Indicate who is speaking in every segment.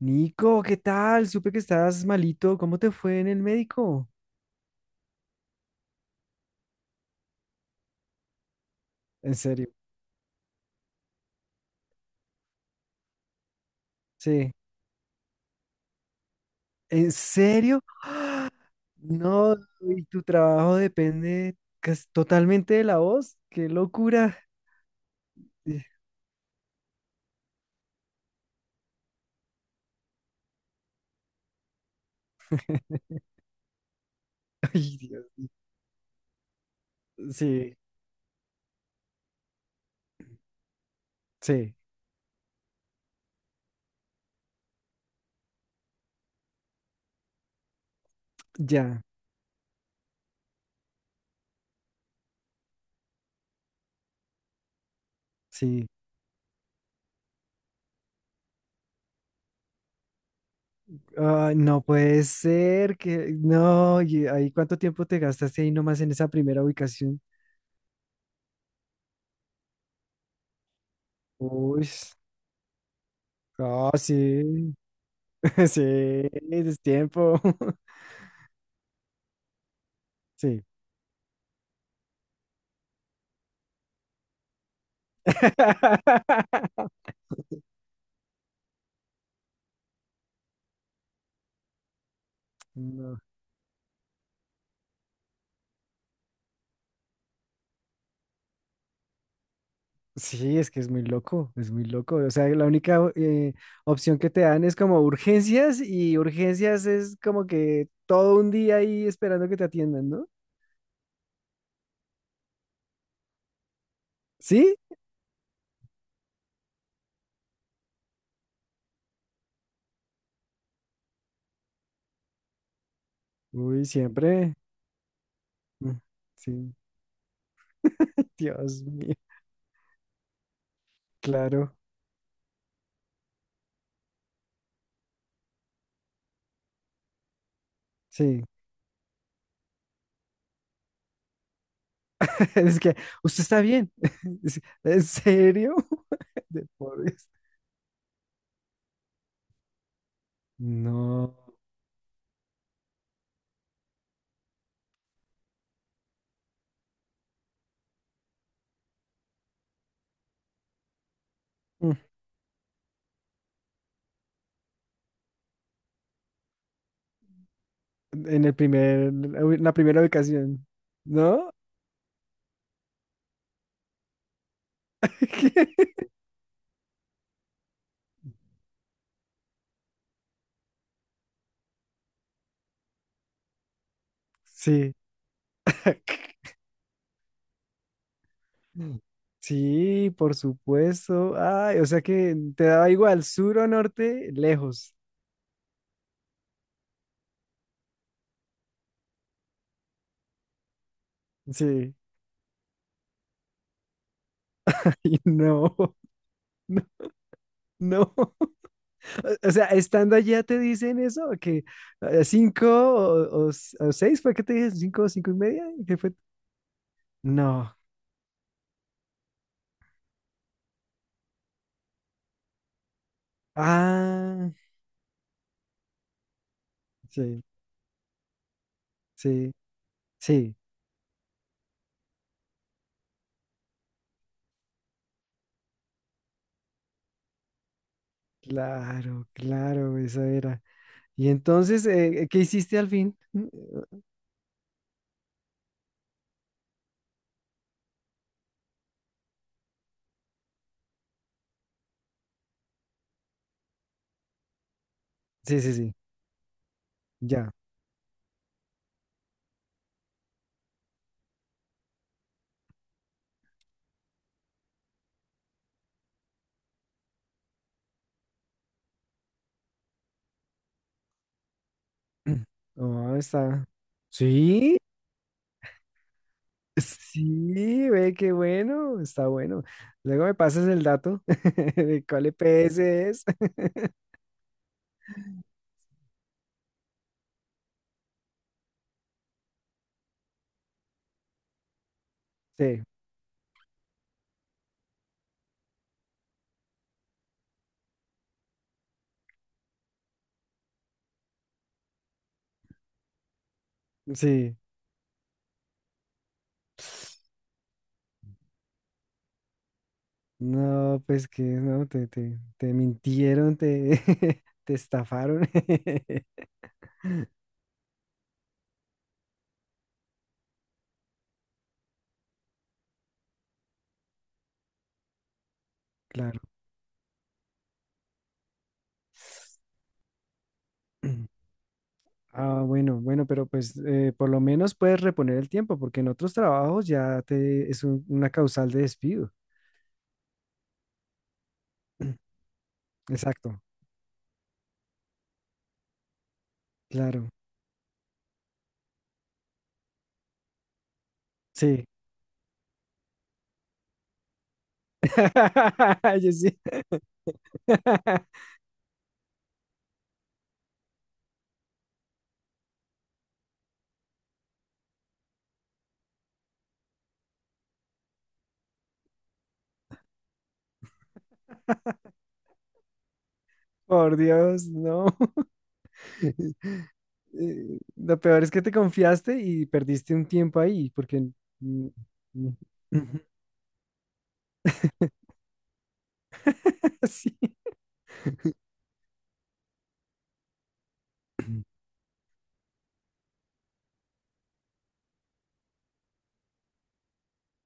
Speaker 1: Nico, ¿qué tal? Supe que estabas malito. ¿Cómo te fue en el médico? En serio. Sí. ¿En serio? No, y tu trabajo depende totalmente de la voz. ¡Qué locura! Ay, Dios. Sí, sí, ya, sí. Ay, no puede ser que... No, ¿y ahí cuánto tiempo te gastaste ahí nomás en esa primera ubicación? Uy, ah, sí, sí, es tiempo. Sí. No. Sí, es que es muy loco, es muy loco. O sea, la única opción que te dan es como urgencias y urgencias es como que todo un día ahí esperando que te atiendan, ¿no? ¿Sí? Uy, siempre. Mm, sí, Dios mío, claro, sí. Es que usted está bien. ¿En serio? De por no. Mm, en el primer, en la primera ubicación, ¿no? Sí. Sí, por supuesto. Ay, o sea que te daba igual sur o norte, lejos. Sí. Ay, no, no, no. O sea, estando allá te dicen eso, que cinco o, o seis, ¿fue que te dije? ¿Cinco o cinco y media? ¿Qué fue? No. Ah, sí, sí, sí. Claro, claro, esa era. Y entonces, ¿qué hiciste al fin? Sí, sí, sí, ya. Oh, está. Sí. Sí, ve qué bueno, está bueno. Luego me pasas el dato de cuál EPS es. Sí, sí. No, pues que no, te mintieron, te, te estafaron. Claro. Ah, bueno, bueno, pero pues por lo menos puedes reponer el tiempo, porque en otros trabajos ya te es una causal de despido. Exacto, claro. Sí. Yo sí. Por Dios, no. Lo peor es que te confiaste y perdiste un tiempo ahí, porque... mm, mm, sí,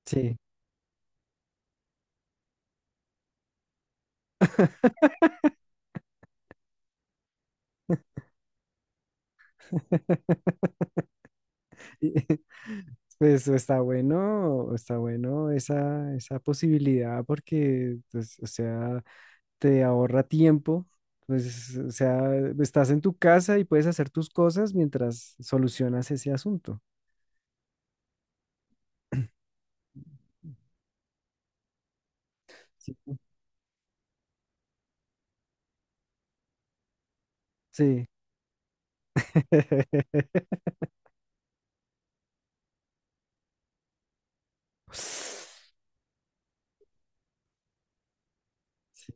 Speaker 1: sí. Y- Pues está bueno esa posibilidad porque, pues, o sea, te ahorra tiempo, pues, o sea, estás en tu casa y puedes hacer tus cosas mientras solucionas ese asunto. Sí. Sí. Sí.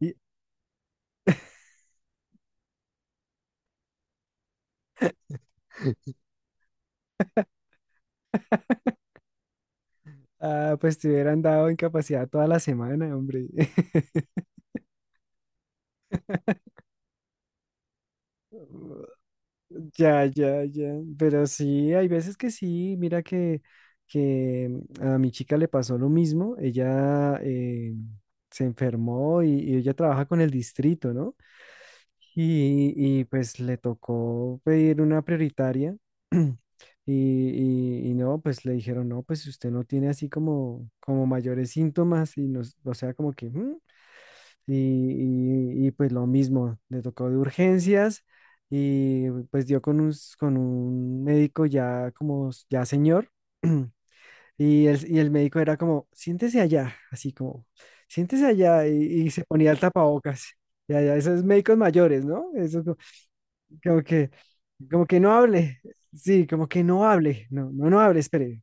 Speaker 1: Y- Ah, pues te hubieran dado incapacidad toda la semana, hombre. Ya, ya, ya. Pero sí, hay veces que sí. Mira que, que mm, a mi chica le pasó lo mismo. Ella se enfermó y ella trabaja con el distrito, ¿no? Y, y, pues le tocó pedir una prioritaria. Y, y no, pues le dijeron, no, pues usted no tiene así como, como mayores síntomas y nos, o sea, como que... "Mm". Y, y, pues lo mismo, le tocó de urgencias y pues dio con un, con un médico ya como ya señor. Y el, y el médico era como, siéntese allá, así como, siéntese allá y se ponía el tapabocas. Ya, ya, esos médicos mayores, ¿no? Esos como que, como que no hable, sí, como que no hable, no, no, no hable, espere.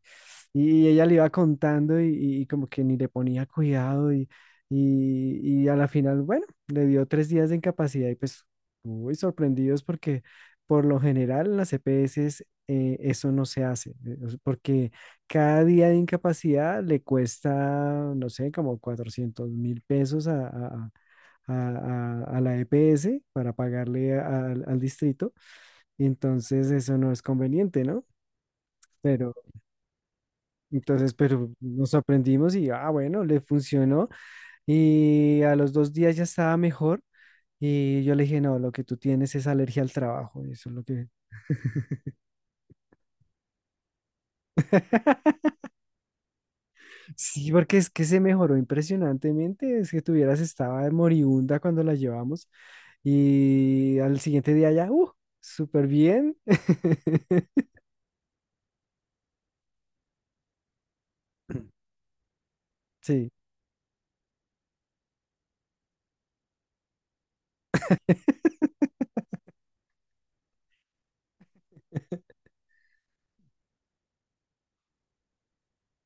Speaker 1: Y ella le iba contando y como que ni le ponía cuidado y a la final, bueno, le dio 3 días de incapacidad y pues muy sorprendidos porque por lo general en las EPS eso no se hace, o sea, porque cada día de incapacidad le cuesta, no sé, como $400.000 a, a, a la EPS para pagarle al distrito, y entonces eso no es conveniente, ¿no? Pero entonces, pero nos aprendimos y, ah, bueno, le funcionó y a los 2 días ya estaba mejor y yo le dije, no, lo que tú tienes es alergia al trabajo, eso es lo que... Sí, porque es que se mejoró impresionantemente, es que tuvieras, estaba moribunda cuando la llevamos y al siguiente día ya, súper bien. Sí.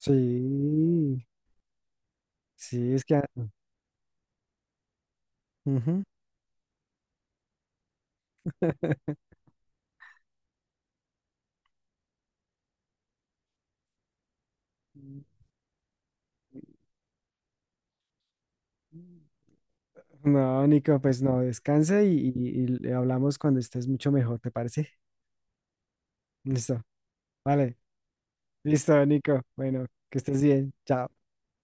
Speaker 1: Sí, sí, es que... a- ujú. No, Nico, pues no, descansa y, y le hablamos cuando estés mucho mejor, ¿te parece? Listo, vale, listo, Nico. Bueno, que estés bien, chao.